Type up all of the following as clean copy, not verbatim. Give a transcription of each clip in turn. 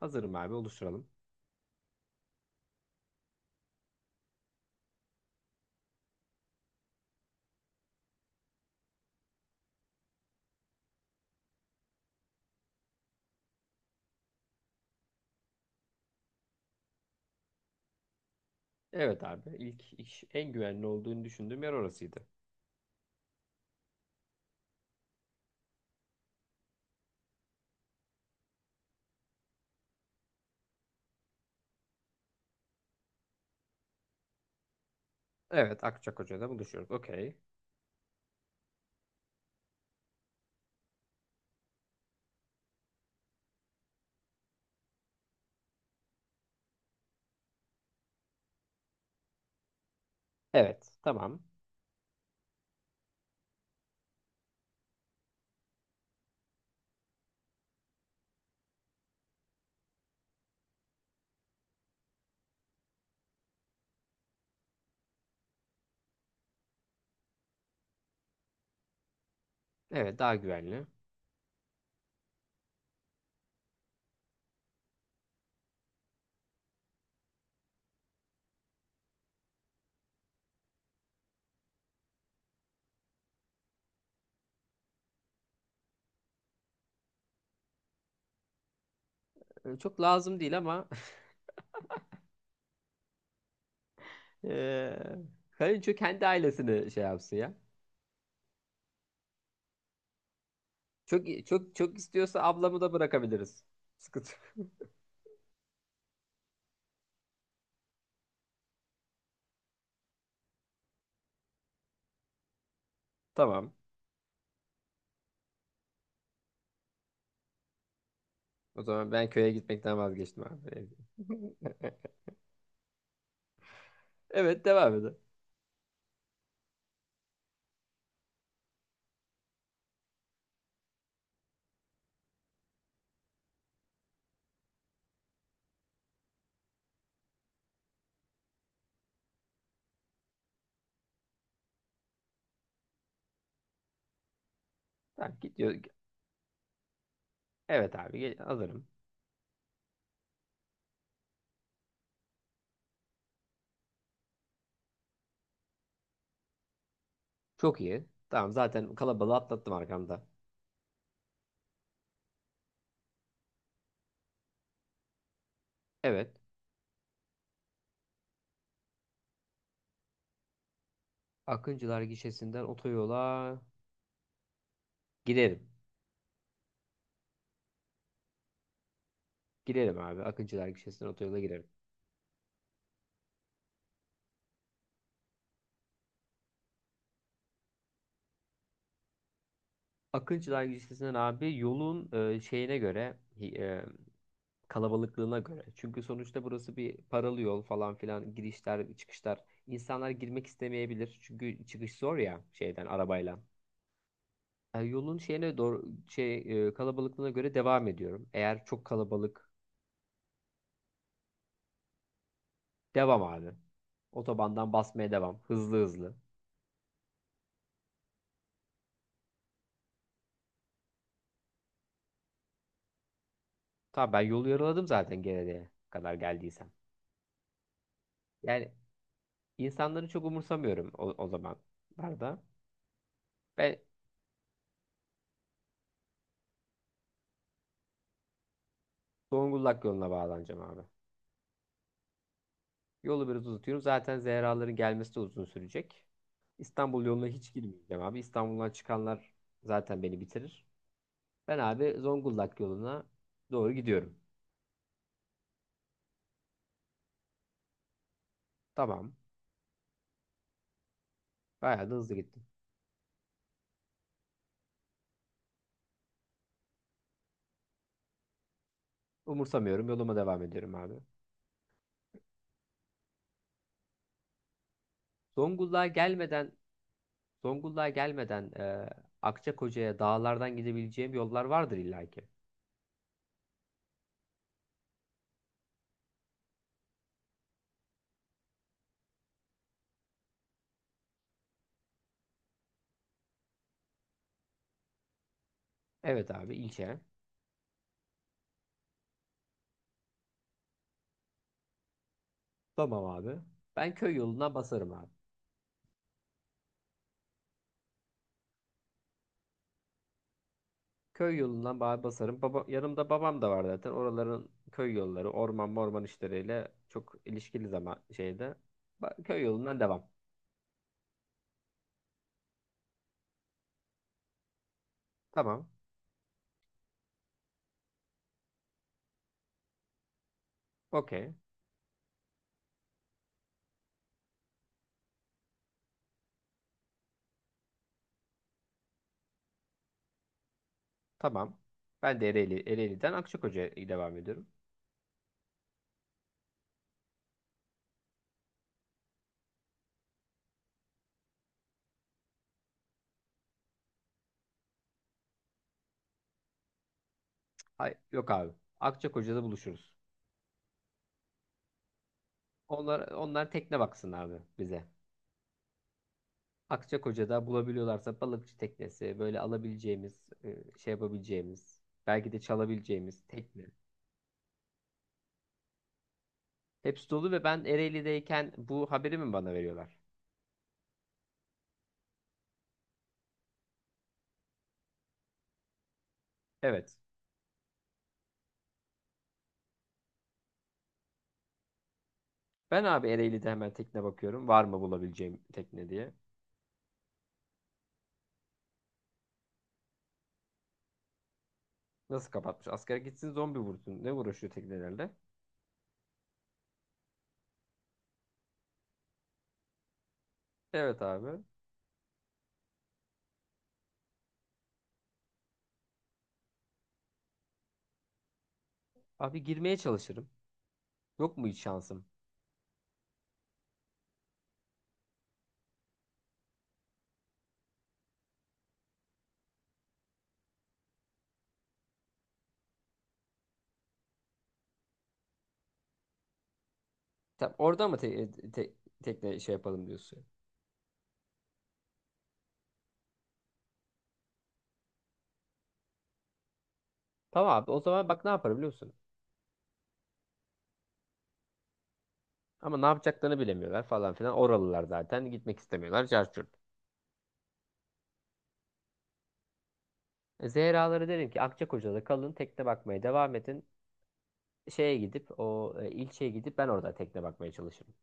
Hazırım abi, oluşturalım. Evet abi, ilk iş en güvenli olduğunu düşündüğüm yer orasıydı. Evet, Akçakoca'da buluşuyoruz. Okey. Evet, tamam. Evet, daha güvenli. Çok lazım değil ama eee kayınço kendi ailesini şey yapsın ya. Çok çok çok istiyorsa ablamı da bırakabiliriz. Sıkıntı. Tamam. O zaman ben köye gitmekten vazgeçtim abi. Evet, devam edelim. Tamam, gidiyor. Evet abi, hazırım. Çok iyi. Tamam, zaten kalabalığı atlattım arkamda. Evet. Akıncılar gişesinden otoyola girerim. Girerim abi. Akıncılar gişesinden otoyola girerim. Akıncılar gişesinden abi yolun şeyine göre kalabalıklığına göre. Çünkü sonuçta burası bir paralı yol falan filan, girişler çıkışlar. İnsanlar girmek istemeyebilir. Çünkü çıkış zor ya şeyden, arabayla. E, yolun şeyine doğru şey kalabalıklığına göre devam ediyorum. Eğer çok kalabalık, devam abi. Otobandan basmaya devam. Hızlı hızlı. Tamam, ben yolu yarıladım zaten gelene kadar geldiysem. Yani insanları çok umursamıyorum o zamanlarda. Ben Zonguldak yoluna bağlanacağım abi. Yolu biraz uzatıyorum. Zaten Zehraların gelmesi de uzun sürecek. İstanbul yoluna hiç girmeyeceğim abi. İstanbul'dan çıkanlar zaten beni bitirir. Ben abi Zonguldak yoluna doğru gidiyorum. Tamam. Bayağı da hızlı gittim. Umursamıyorum. Yoluma devam ediyorum abi. Zonguldak'a gelmeden Zonguldak'a gelmeden Akçakoca'ya dağlardan gidebileceğim yollar vardır illaki. Evet abi, ilçe. Tamam abi. Ben köy yoluna basarım abi. Köy yolundan basarım. Baba, yanımda babam da var zaten. Oraların köy yolları, orman morman işleriyle çok ilişkili zaman şeyde. Köy yolundan devam. Tamam. Okey. Tamam. Ben de Ereğli, Ereğli'den Akçakoca'ya devam ediyorum. Hay yok abi. Akçakoca'da buluşuruz. Onlar, onlar tekne baksın abi bize. Akçakoca'da bulabiliyorlarsa balıkçı teknesi, böyle alabileceğimiz, şey yapabileceğimiz, belki de çalabileceğimiz tekne. Hepsi dolu ve ben Ereğli'deyken bu haberi mi bana veriyorlar? Evet. Ben abi Ereğli'de hemen tekne bakıyorum. Var mı bulabileceğim tekne diye. Nasıl kapatmış? Askere gitsin zombi vursun. Ne uğraşıyor teknelerle? Evet abi. Abi girmeye çalışırım. Yok mu hiç şansım? Tam orada mı tekne şey yapalım diyorsun? Tamam abi, o zaman bak ne yapar biliyor musun? Ama ne yapacaklarını bilemiyorlar falan filan. Oralılar zaten gitmek istemiyorlar. Carçurt. Zehra'ları derim ki Akçakoca'da kalın, tekne bakmaya devam edin. Şeye gidip o ilçeye gidip ben orada tekne bakmaya çalışırım.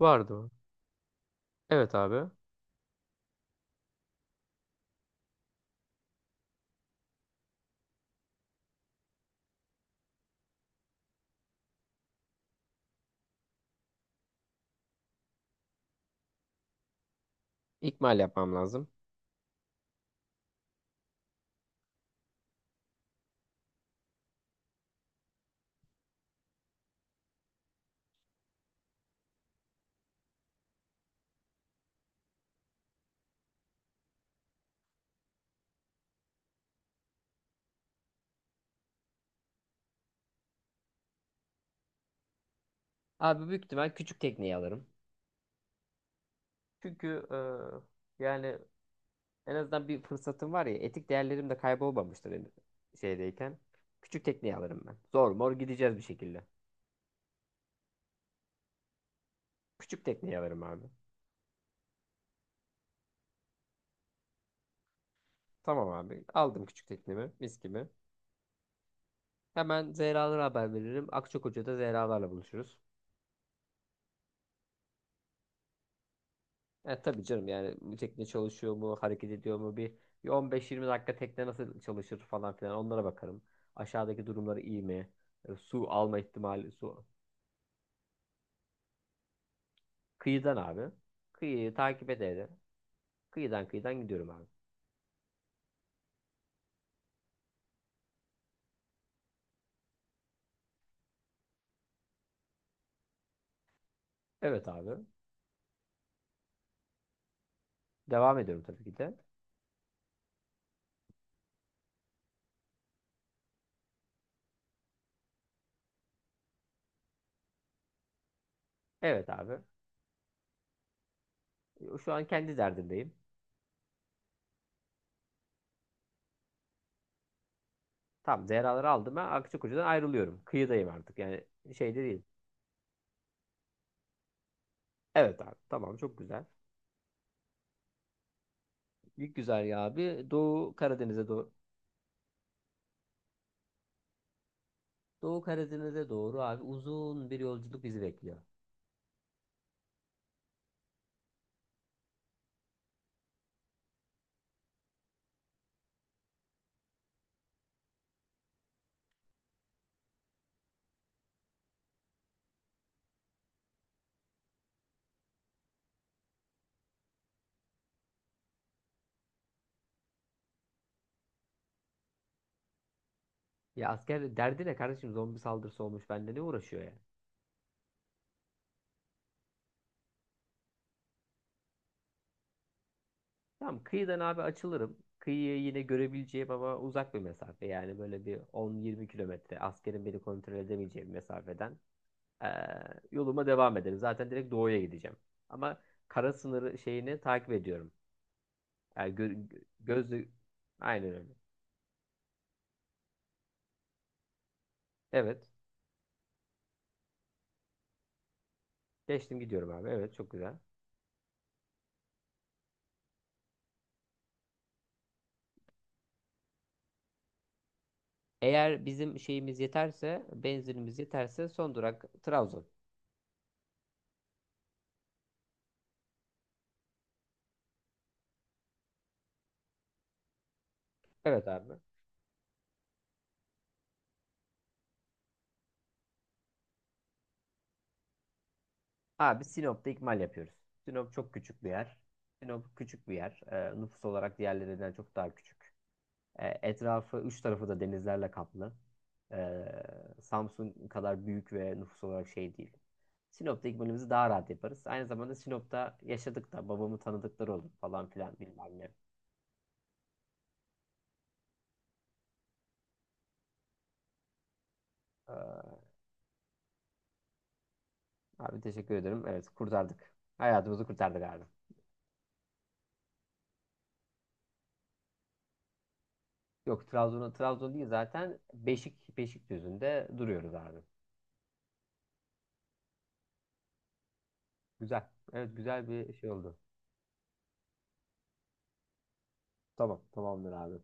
Vardı mı? Evet abi. İkmal yapmam lazım. Abi büyük ihtimal küçük tekneyi alırım. Çünkü yani en azından bir fırsatım var ya, etik değerlerim de kaybolmamıştır benim şeydeyken. Küçük tekneyi alırım ben. Zor mor gideceğiz bir şekilde. Küçük tekneyi alırım abi. Tamam abi. Aldım küçük teknemi. Mis gibi. Hemen Zehra'lara haber veririm. Akçakoca'da Zehra'larla buluşuruz. E, tabii canım, yani tekne çalışıyor mu, hareket ediyor mu, bir 15-20 dakika tekne nasıl çalışır falan filan onlara bakarım. Aşağıdaki durumları iyi mi? E, su alma ihtimali, su. Kıyıdan abi. Kıyıyı takip ede ede. Kıyıdan kıyıdan gidiyorum abi. Evet abi. Devam ediyorum tabii ki de. Evet abi. E, şu an kendi derdindeyim. Tamam, Zehra'ları aldım, ben Akçakoca'dan ayrılıyorum. Kıyıdayım artık, yani şeyde değil. Evet abi, tamam çok güzel. Büyük güzergah abi, Doğu Karadeniz'e doğru. Doğu Karadeniz'e doğru abi, uzun bir yolculuk bizi bekliyor. Ya asker derdi ne kardeşim, zombi saldırısı olmuş, bende ne uğraşıyor ya. Tamam, kıyıdan abi açılırım. Kıyıyı yine görebileceğim ama uzak bir mesafe, yani böyle bir 10-20 kilometre askerin beni kontrol edemeyeceği bir mesafeden ee, yoluma devam ederim. Zaten direkt doğuya gideceğim. Ama kara sınırı şeyini takip ediyorum. Yani gözle, aynen öyle. Evet, geçtim, gidiyorum abi, evet çok güzel. Eğer bizim şeyimiz yeterse, benzinimiz yeterse son durak Trabzon. Evet abi. Abi Sinop'ta ikmal yapıyoruz. Sinop çok küçük bir yer. Sinop küçük bir yer. Nüfus olarak diğerlerinden çok daha küçük. Etrafı, üç tarafı da denizlerle kaplı. Ee, Samsun kadar büyük ve nüfus olarak şey değil. Sinop'ta ikmalimizi daha rahat yaparız. Aynı zamanda Sinop'ta yaşadık da, babamı tanıdıkları olur falan filan bilmem ne. Ee, abi teşekkür ederim. Evet, kurtardık. Hayatımızı kurtardık abi. Yok, Trabzon'a, Trabzon değil zaten, Beşikdüzü'nde duruyoruz abi. Güzel. Evet, güzel bir şey oldu. Tamam, tamamdır abi.